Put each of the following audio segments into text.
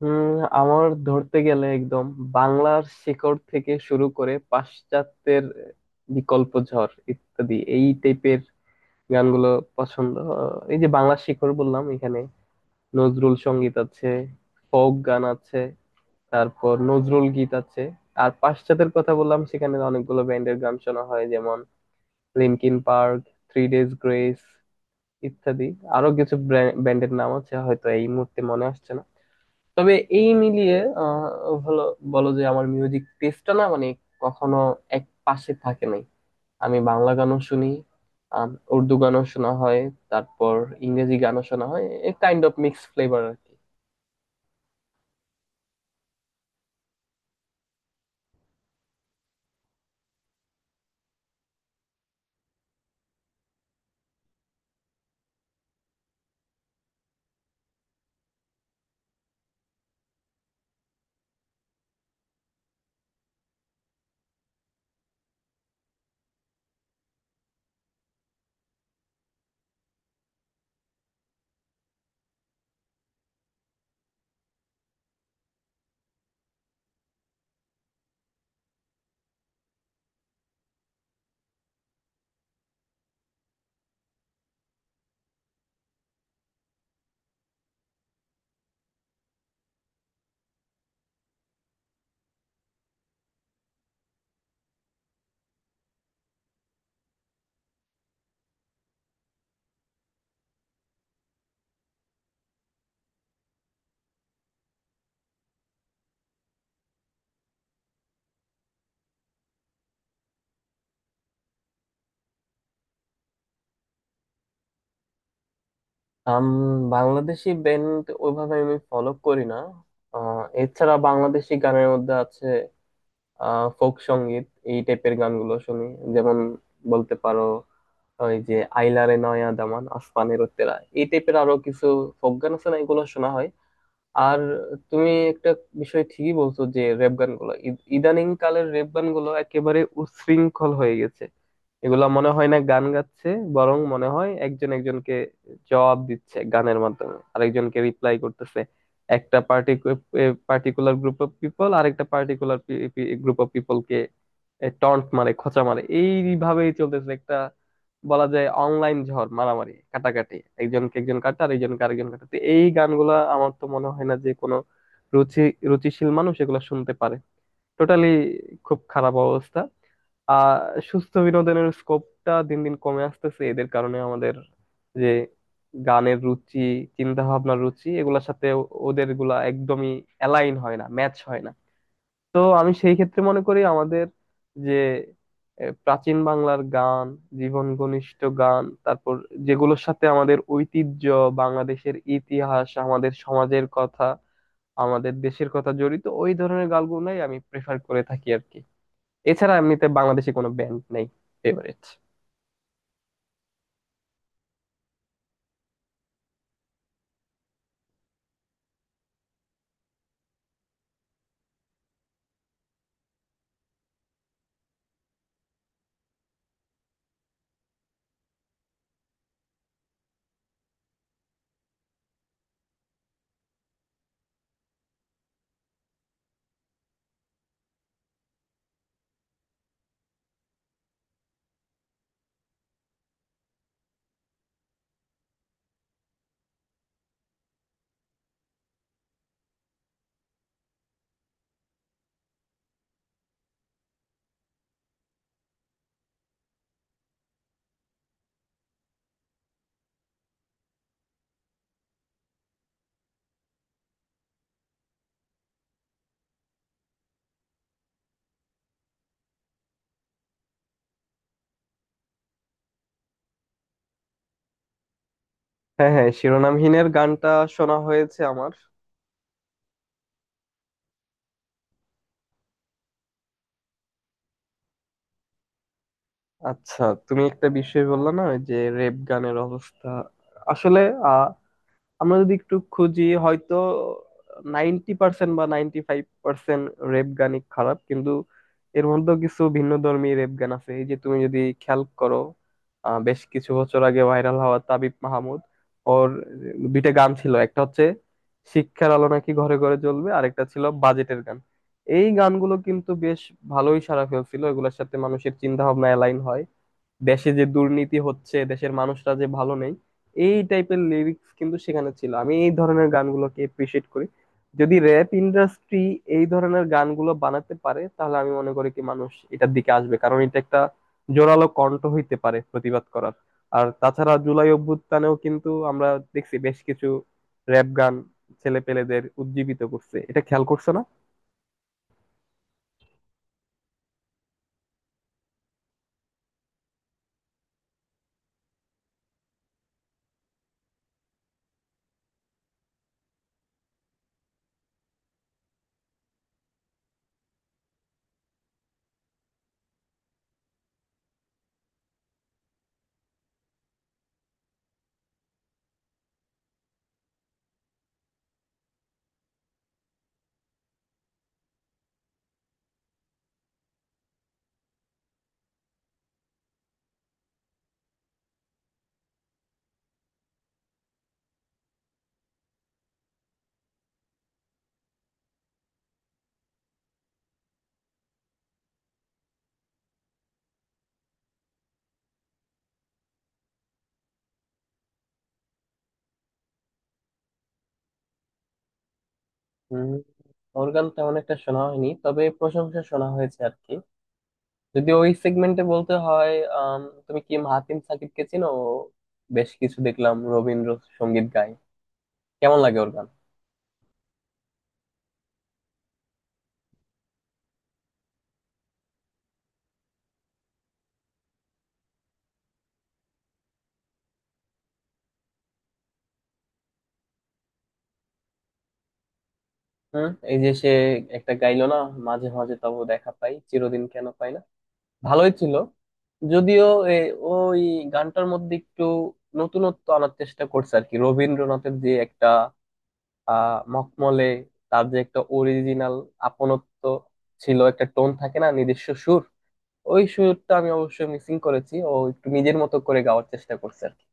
হুম। আমার ধরতে গেলে একদম বাংলার শিকড় থেকে শুরু করে পাশ্চাত্যের বিকল্প ঝড় ইত্যাদি এই টাইপের গানগুলো পছন্দ। এই যে বাংলার শিকড় বললাম, এখানে নজরুল সঙ্গীত আছে, ফোক গান আছে, তারপর নজরুল গীত আছে। আর পাশ্চাত্যের কথা বললাম, সেখানে অনেকগুলো ব্যান্ডের গান শোনা হয়, যেমন Linkin Park, Three Days Grace ইত্যাদি। আরো কিছু ব্যান্ডের নাম আছে, হয়তো এই মুহূর্তে মনে আসছে না। তবে এই মিলিয়ে হলো বলো যে আমার মিউজিক টেস্টটা না, মানে কখনো এক পাশে থাকে নাই। আমি বাংলা গানও শুনি, আম, উর্দু গানও শোনা হয়, তারপর ইংরেজি গানও শোনা হয়। A kind of mix flavour আর কি। আম, বাংলাদেশি ব্যান্ড ওইভাবে আমি ফলো করি না। এছাড়া বাংলাদেশি গানের মধ্যে আছে ফোক সঙ্গীত, এই টাইপের গানগুলো শুনি। যেমন বলতে পারো, ওই যে আইলারে নয়া দামান, আসমানের উত্তেরা, এই টাইপের আরো কিছু ফোক গান আছে না, এগুলো শোনা হয়। আর তুমি একটা বিষয় ঠিকই বলছো যে রেপ গানগুলো ইদানিং কালের রেপ গানগুলো একেবারে উচ্ছৃঙ্খল হয়ে গেছে। এগুলা মনে হয় না গান গাচ্ছে, বরং মনে হয় একজন একজনকে জবাব দিচ্ছে, গানের মাধ্যমে আরেকজনকে রিপ্লাই করতেছে। একটা পার্টিকুলার গ্রুপ অফ পিপল আরেকটা পার্টিকুলার গ্রুপ অফ পিপলকে টন্ট মারে, খোঁচা মারে, এইভাবেই চলতেছে। একটা বলা যায় অনলাইন ঝড়, মারামারি, কাটাকাটি, একজনকে একজন কাটা আর একজনকে আরেকজন কাটা। তো এই গানগুলা আমার তো মনে হয় না যে কোনো রুচি রুচিশীল মানুষ এগুলা শুনতে পারে। টোটালি খুব খারাপ অবস্থা। আহ, সুস্থ বিনোদনের স্কোপটা দিন দিন কমে আসতেছে এদের কারণে। আমাদের যে গানের রুচি, চিন্তা ভাবনার রুচি, এগুলোর সাথে ওদের গুলা একদমই অ্যালাইন হয় না, ম্যাচ হয় না। তো আমি সেই ক্ষেত্রে মনে করি আমাদের যে প্রাচীন বাংলার গান, জীবন ঘনিষ্ঠ গান, তারপর যেগুলোর সাথে আমাদের ঐতিহ্য, বাংলাদেশের ইতিহাস, আমাদের সমাজের কথা, আমাদের দেশের কথা জড়িত, ওই ধরনের গানগুলোই আমি প্রেফার করে থাকি আর কি। এছাড়া এমনিতে বাংলাদেশে কোনো ব্যান্ড নেই ফেভারিট। হ্যাঁ, হ্যাঁ, শিরোনামহীনের গানটা শোনা হয়েছে আমার। আচ্ছা, তুমি একটা বিষয় বললে না, ওই যে রেপ গানের অবস্থা। আসলে আমরা যদি একটু খুঁজি, হয়তো 90% বা 95% রেপ গানই খারাপ, কিন্তু এর মধ্যেও কিছু ভিন্নধর্মী রেপ গান আছে। এই যে তুমি যদি খেয়াল করো, বেশ কিছু বছর আগে ভাইরাল হওয়া তাবিব মাহমুদ, ওর 2টা গান ছিল। একটা হচ্ছে শিক্ষার আলো নাকি ঘরে ঘরে জ্বলবে, আরেকটা ছিল বাজেটের গান। এই গানগুলো কিন্তু বেশ ভালোই সাড়া ফেলছিল। এগুলোর সাথে মানুষের চিন্তা ভাবনা অ্যালাইন হয়। দেশে যে দুর্নীতি হচ্ছে, দেশের মানুষরা যে ভালো নেই, এই টাইপের লিরিক্স কিন্তু সেখানে ছিল। আমি এই ধরনের গানগুলোকে এপ্রিসিয়েট করি। যদি র্যাপ ইন্ডাস্ট্রি এই ধরনের গানগুলো বানাতে পারে, তাহলে আমি মনে করি কি মানুষ এটার দিকে আসবে, কারণ এটা একটা জোরালো কণ্ঠ হইতে পারে প্রতিবাদ করার। আর তাছাড়া জুলাই অভ্যুত্থানেও কিন্তু আমরা দেখছি বেশ কিছু র্যাপ গান ছেলে পেলেদের উজ্জীবিত করছে, এটা খেয়াল করছো না? হম, ওর গান তেমন একটা শোনা হয়নি, তবে প্রশংসা শোনা হয়েছে আর কি। যদি ওই সেগমেন্টে বলতে হয়, আম, তুমি কি মাহাতিম সাকিবকে চিনো? ও বেশ কিছু দেখলাম রবীন্দ্রসঙ্গীত গায়। কেমন লাগে ওর গান? হুম, এই যে সে একটা গাইলো না, মাঝে মাঝে তবু দেখা পাই চিরদিন কেন পাই না, ভালোই ছিল। যদিও এ- ওই গানটার মধ্যে একটু নতুনত্ব আনার চেষ্টা করছে আর কি। রবীন্দ্রনাথের যে একটা আহ মখমলে, তার যে একটা অরিজিনাল আপনত্ব ছিল, একটা টোন থাকে না নিজস্ব সুর, ওই সুরটা আমি অবশ্যই মিসিং করেছি। ও একটু নিজের মতো করে গাওয়ার চেষ্টা করছে আর কি।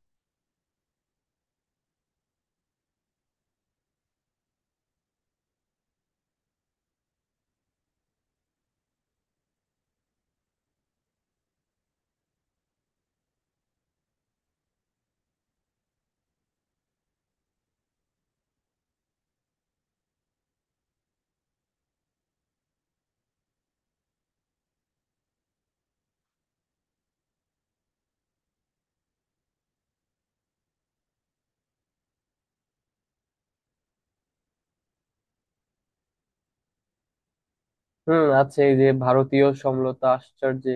হুম, আছে। এই যে ভারতীয় সমলতা আশ্চর্যে,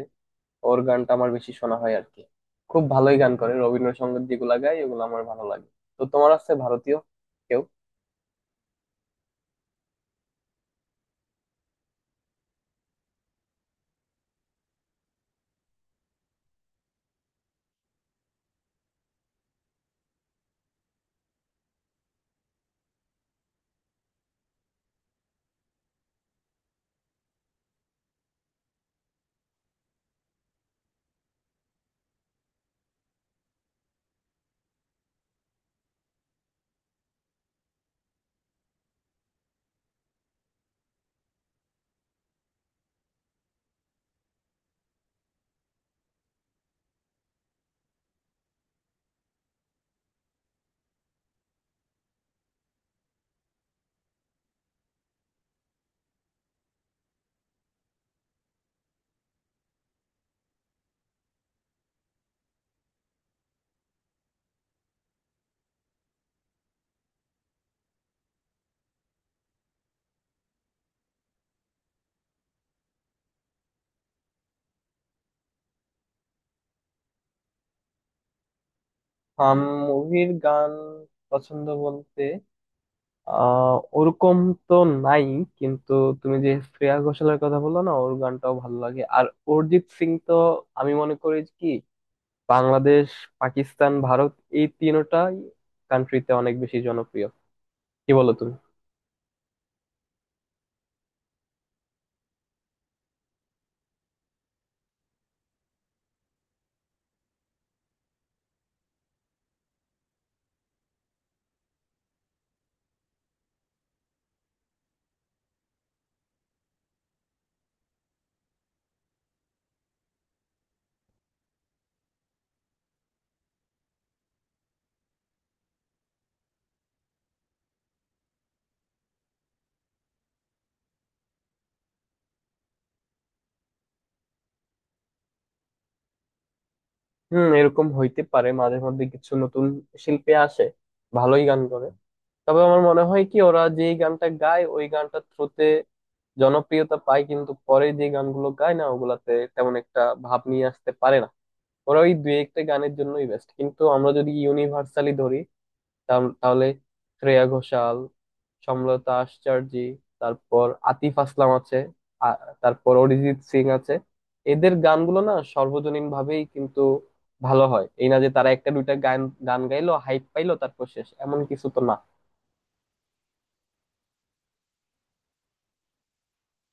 ওর গানটা আমার বেশি শোনা হয় আর কি। খুব ভালোই গান করে, রবীন্দ্রসঙ্গীত যেগুলা গায় ওগুলো আমার ভালো লাগে। তো তোমার আছে ভারতীয় কেউ? হাম, মুভির গান পছন্দ বলতে আহ ওরকম তো নাই, কিন্তু তুমি যে শ্রেয়া ঘোষালের কথা বললো না, ওর গানটাও ভালো লাগে। আর অরিজিৎ সিং তো, আমি মনে করি কি বাংলাদেশ, পাকিস্তান, ভারত, এই তিনটাই কান্ট্রিতে অনেক বেশি জনপ্রিয়। কি বলো তুমি? হুম, এরকম হইতে পারে, মাঝে মধ্যে কিছু নতুন শিল্পী আসে, ভালোই গান করে। তবে আমার মনে হয় কি ওরা যে গানটা গায় ওই গানটার থ্রুতে জনপ্রিয়তা পায়, কিন্তু পরে যে গানগুলো গায় না, ওগুলাতে তেমন একটা ভাব নিয়ে আসতে পারে না। ওরা ওই দুই একটা গানের জন্যই বেস্ট। কিন্তু আমরা যদি ইউনিভার্সালি ধরি, তাহলে তাহলে শ্রেয়া ঘোষাল, সমলতা আশ্চর্য, তারপর আতিফ আসলাম আছে, তারপর অরিজিৎ সিং আছে, এদের গানগুলো না সর্বজনীন ভাবেই কিন্তু ভালো হয়। এই না যে তারা একটা দুইটা গান গান গাইলো, হাইপ পাইলো, তারপর শেষ, এমন কিছু তো না।